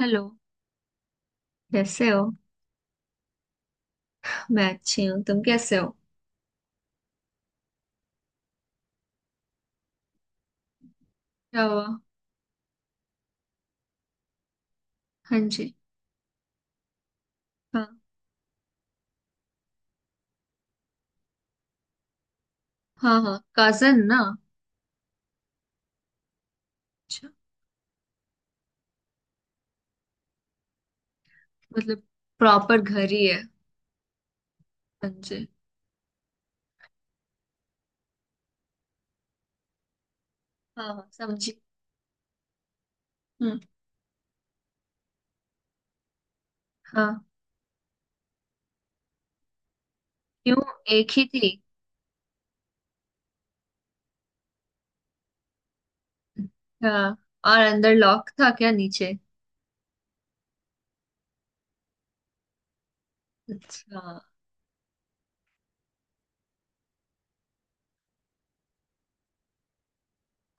Hello. कैसे हो? मैं अच्छी हूँ, तुम कैसे हो? क्या हुआ? हाँ जी। हाँ हाँ, हाँ कजन ना। अच्छा। मतलब प्रॉपर घर ही है। हाँ जी। हाँ हाँ, समझी। हम्म। हाँ। क्यों? एक ही थी? हाँ। और अंदर लॉक था क्या नीचे? अच्छा।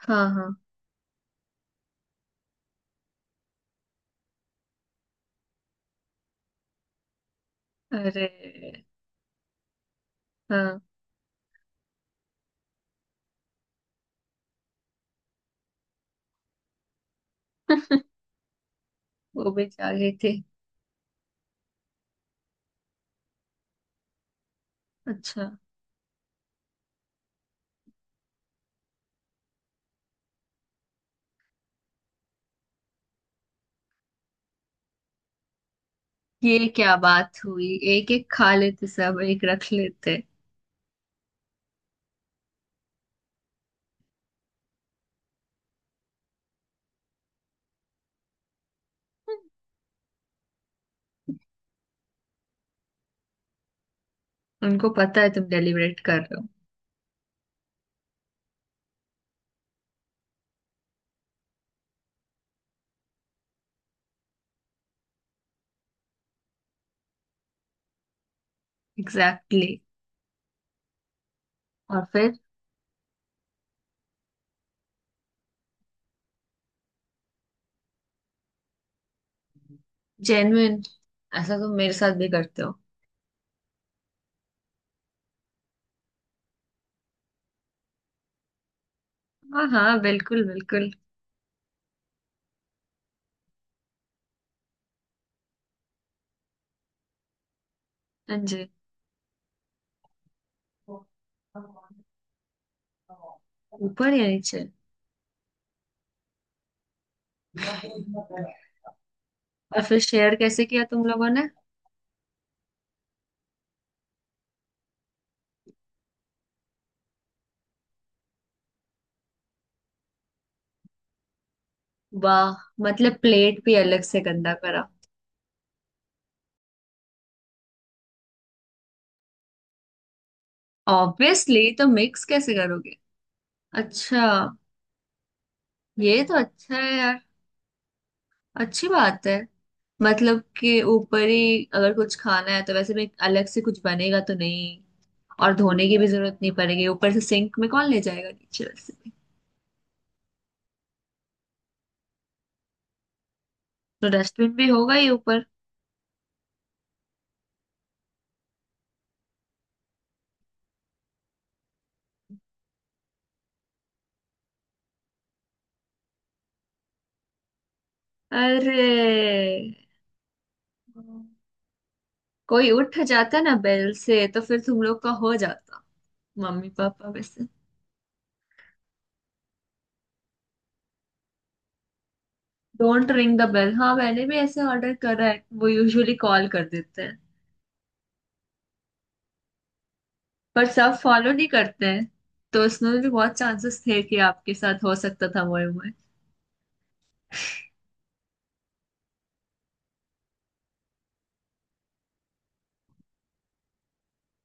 हाँ हाँ। अरे। हाँ। वो भी जागे थे। अच्छा। ये क्या बात हुई? एक एक खा लेते, सब एक रख लेते। उनको पता है तुम डेलीब्रेट कर रहे हो। एग्जैक्टली। और फिर? जेन्युइन। ऐसा तुम मेरे साथ भी करते हो? हाँ हाँ, बिल्कुल बिल्कुल। हाँ जी। ऊपर या नीचे? और फिर शेयर कैसे किया तुम लोगों ने? वाह। मतलब प्लेट भी अलग से गंदा करा? ऑब्वियसली, तो मिक्स कैसे करोगे। अच्छा। ये तो अच्छा है यार। अच्छी बात है। मतलब कि ऊपर ही अगर कुछ खाना है तो वैसे भी अलग से कुछ बनेगा तो नहीं। और धोने की भी जरूरत नहीं पड़ेगी, ऊपर से सिंक में कौन ले जाएगा नीचे वैसे भी। तो डस्टबिन भी होगा ही ऊपर। अरे, कोई उठ जाता ना बेल से तो फिर तुम लोग का हो जाता। मम्मी पापा में से। Don't ring the bell. हाँ, मैंने भी ऐसे ऑर्डर करा है, वो यूजुअली कॉल कर देते हैं। पर सब फॉलो नहीं करते हैं। तो उसमें भी बहुत चांसेस थे कि आपके साथ हो सकता था मोए मोए।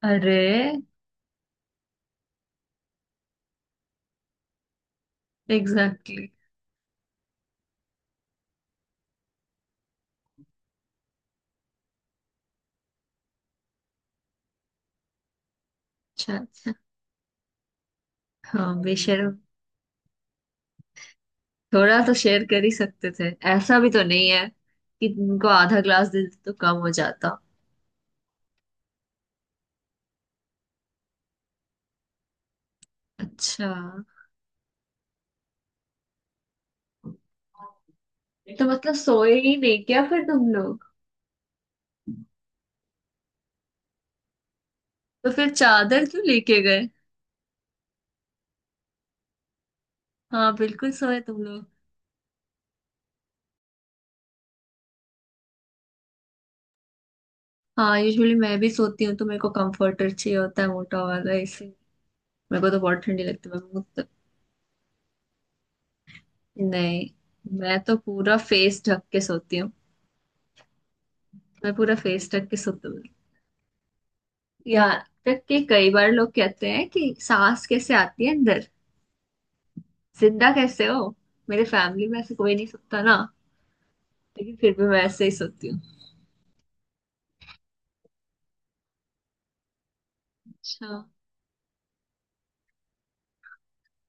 अरे। Exactly exactly। अच्छा अच्छा। हाँ, बेशर्म। थोड़ा तो शेयर कर ही सकते थे। ऐसा भी तो नहीं है कि तुमको आधा ग्लास दे देते तो कम हो जाता। अच्छा। तो मतलब सोए ही नहीं क्या फिर तुम लोग? तो फिर चादर क्यों लेके गए? हाँ, बिल्कुल सोए तुम लोग। हाँ, यूजुअली मैं भी सोती हूँ तो मेरे को कंफर्टर चाहिए होता है, मोटा वाला इसी। मेरे को तो बहुत ठंडी लगती है, मैं मुंह तक। नहीं, मैं तो पूरा फेस ढक के सोती हूँ। मैं पूरा फेस ढक के सोती हूँ। यहाँ तक कि कई बार लोग कहते हैं कि सांस कैसे आती है अंदर, जिंदा कैसे हो। मेरे फैमिली में ऐसे कोई नहीं सोता ना। लेकिन फिर भी मैं ऐसे ही सोती हूँ। अच्छा।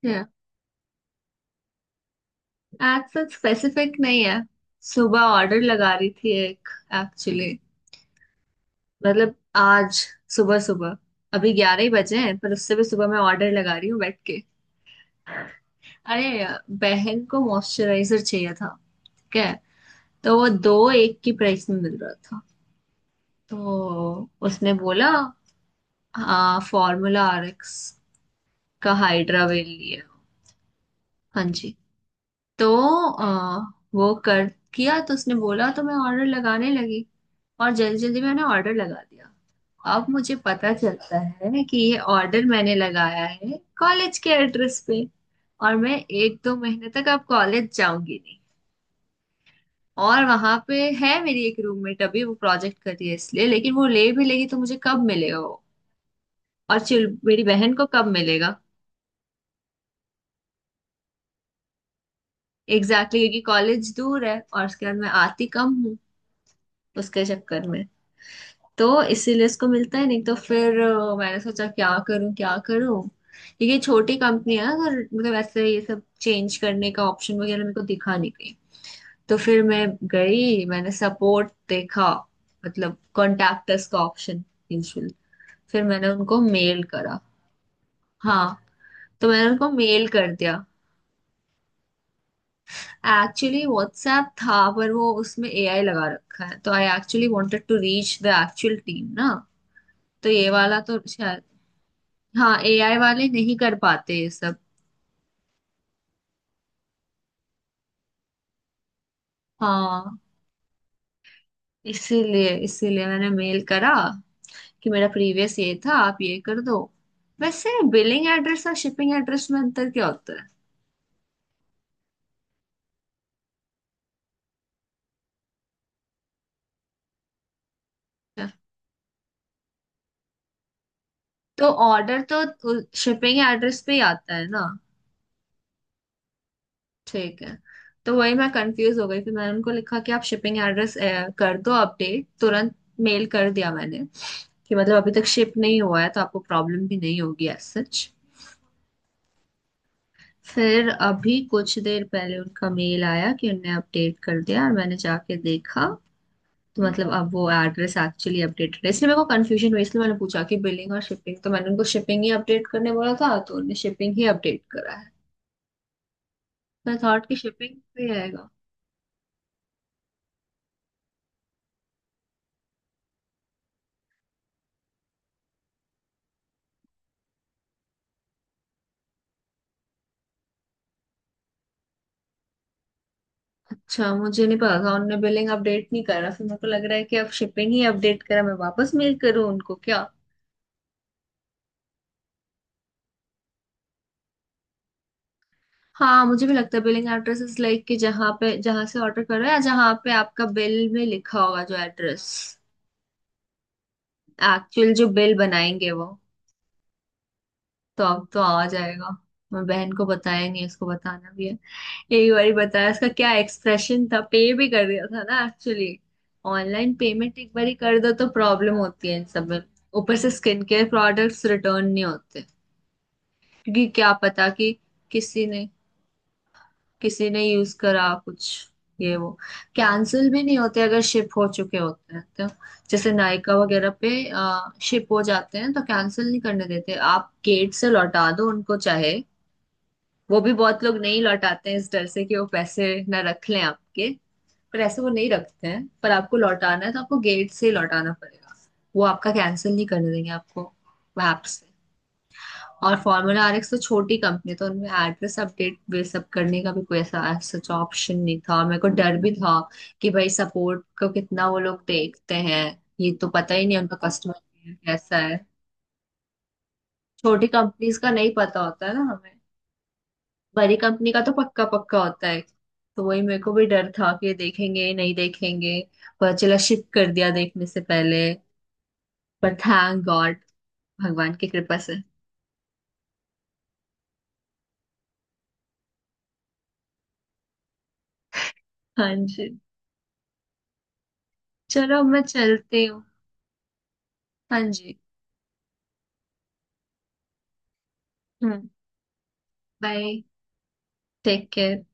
yeah। आज तक स्पेसिफिक नहीं है। सुबह ऑर्डर लगा रही थी एक। एक्चुअली, मतलब आज सुबह सुबह, अभी 11 ही बजे हैं पर उससे भी सुबह मैं ऑर्डर लगा रही हूँ बैठ के। अरे, बहन को मॉइस्चराइजर चाहिए था। ठीक है। तो वो दो एक की प्राइस में मिल रहा था, तो उसने बोला। हाँ, फॉर्मूला RX का हाइड्रा वेल लिया। हाँ जी। तो वो कर किया तो उसने बोला, तो मैं ऑर्डर लगाने लगी। और जल्दी जल्दी मैंने ऑर्डर लगा दिया। अब मुझे पता चलता है कि ये ऑर्डर मैंने लगाया है कॉलेज के एड्रेस पे। और मैं एक दो महीने तक अब कॉलेज जाऊंगी नहीं। और वहां पे है मेरी एक रूममेट, अभी वो प्रोजेक्ट कर रही है इसलिए, लेकिन वो ले भी लेगी तो मुझे कब मिलेगा वो। और चिल, मेरी बहन को कब मिलेगा। एग्जैक्टली exactly, क्योंकि कॉलेज दूर है और उसके बाद मैं आती कम हूँ उसके चक्कर में। तो इसीलिए इसको मिलता है नहीं। तो फिर मैंने सोचा क्या करूं क्या करूं, क्योंकि ये छोटी कंपनी है। अगर मतलब ऐसे ये सब चेंज करने का ऑप्शन वगैरह मेरे को दिखा नहीं कहीं। तो फिर मैं गई, मैंने सपोर्ट देखा, मतलब कॉन्टैक्ट अस का ऑप्शन, यूजुअल। फिर मैंने उनको मेल करा। हाँ। तो मैंने उनको मेल कर दिया। एक्चुअली व्हाट्सएप था, पर वो उसमें AI लगा रखा है, तो I actually wanted to reach the actual team ना। तो ये वाला तो शायद। हाँ, AI वाले नहीं कर पाते ये सब। हाँ। इसीलिए इसीलिए मैंने मेल करा, कि मेरा प्रीवियस ये था, आप ये कर दो। वैसे बिलिंग एड्रेस और शिपिंग एड्रेस में अंतर क्या होता है? अच्छा। तो ऑर्डर तो शिपिंग एड्रेस पे ही आता है ना? ठीक है। तो वही मैं कंफ्यूज हो गई, फिर मैंने उनको लिखा कि आप शिपिंग एड्रेस कर दो अपडेट तुरंत। मेल कर दिया मैंने, कि मतलब अभी तक शिप नहीं हुआ है तो आपको प्रॉब्लम भी नहीं होगी एज सच। फिर अभी कुछ देर पहले उनका मेल आया कि उनने अपडेट कर दिया, और मैंने जाके देखा। तो मतलब अब वो एड्रेस एक्चुअली अपडेटेड है। इसलिए मेरे को कंफ्यूजन हुई, इसलिए मैंने पूछा कि बिलिंग और शिपिंग। तो मैंने उनको शिपिंग ही अपडेट करने बोला था तो उन्होंने शिपिंग ही अपडेट करा है। मैं थॉट कि शिपिंग भी आएगा। अच्छा, मुझे नहीं पता था। उनने बिलिंग अपडेट नहीं करा। फिर मेरे को लग रहा है कि अब शिपिंग ही अपडेट करा, मैं वापस मेल करूँ उनको क्या? हाँ, मुझे भी लगता है बिलिंग एड्रेस इज लाइक कि जहाँ पे, जहाँ से ऑर्डर करो, या जहाँ पे आपका बिल में लिखा होगा जो एड्रेस, एक्चुअल जो बिल बनाएंगे वो। तो अब तो आ जाएगा। मैं बहन को बताया नहीं, उसको बताना भी है। एक बारी बताया उसका क्या एक्सप्रेशन था, पे भी कर दिया था ना एक्चुअली। ऑनलाइन पेमेंट एक बारी कर दो तो प्रॉब्लम होती है इन सब में। ऊपर से स्किन केयर प्रोडक्ट्स रिटर्न नहीं होते, क्योंकि क्या पता कि किसी ने, किसी ने यूज करा कुछ, ये वो। कैंसिल भी नहीं होते अगर शिप हो चुके होते हैं तो। जैसे नायका वगैरह पे, शिप हो जाते हैं तो कैंसिल नहीं करने देते, आप गेट से लौटा दो उनको चाहे। वो भी बहुत लोग नहीं लौटाते हैं इस डर से कि वो पैसे ना रख लें आपके। पर ऐसे वो नहीं रखते हैं, पर आपको लौटाना है तो आपको गेट से ही लौटाना पड़ेगा। वो आपका कैंसिल नहीं करने देंगे आपको ऐप से। और फार्मूला RX तो छोटी कंपनी है, तो उनमें एड्रेस अपडेट वे सब करने का भी कोई ऐसा सच ऑप्शन नहीं था, और मेरे को डर भी था कि भाई सपोर्ट को कितना वो लोग देखते हैं। ये तो पता ही नहीं उनका कस्टमर कैसा है। छोटी कंपनीज का नहीं पता होता है ना हमें। बड़ी कंपनी का तो पक्का पक्का होता है। तो वही मेरे को भी डर था कि ये देखेंगे नहीं देखेंगे। पता चला शिफ्ट कर दिया देखने से पहले। पर थैंक गॉड, भगवान की कृपा से। हाँ जी। चलो मैं चलती हूँ। हाँ जी। हम्म। बाय। Take care.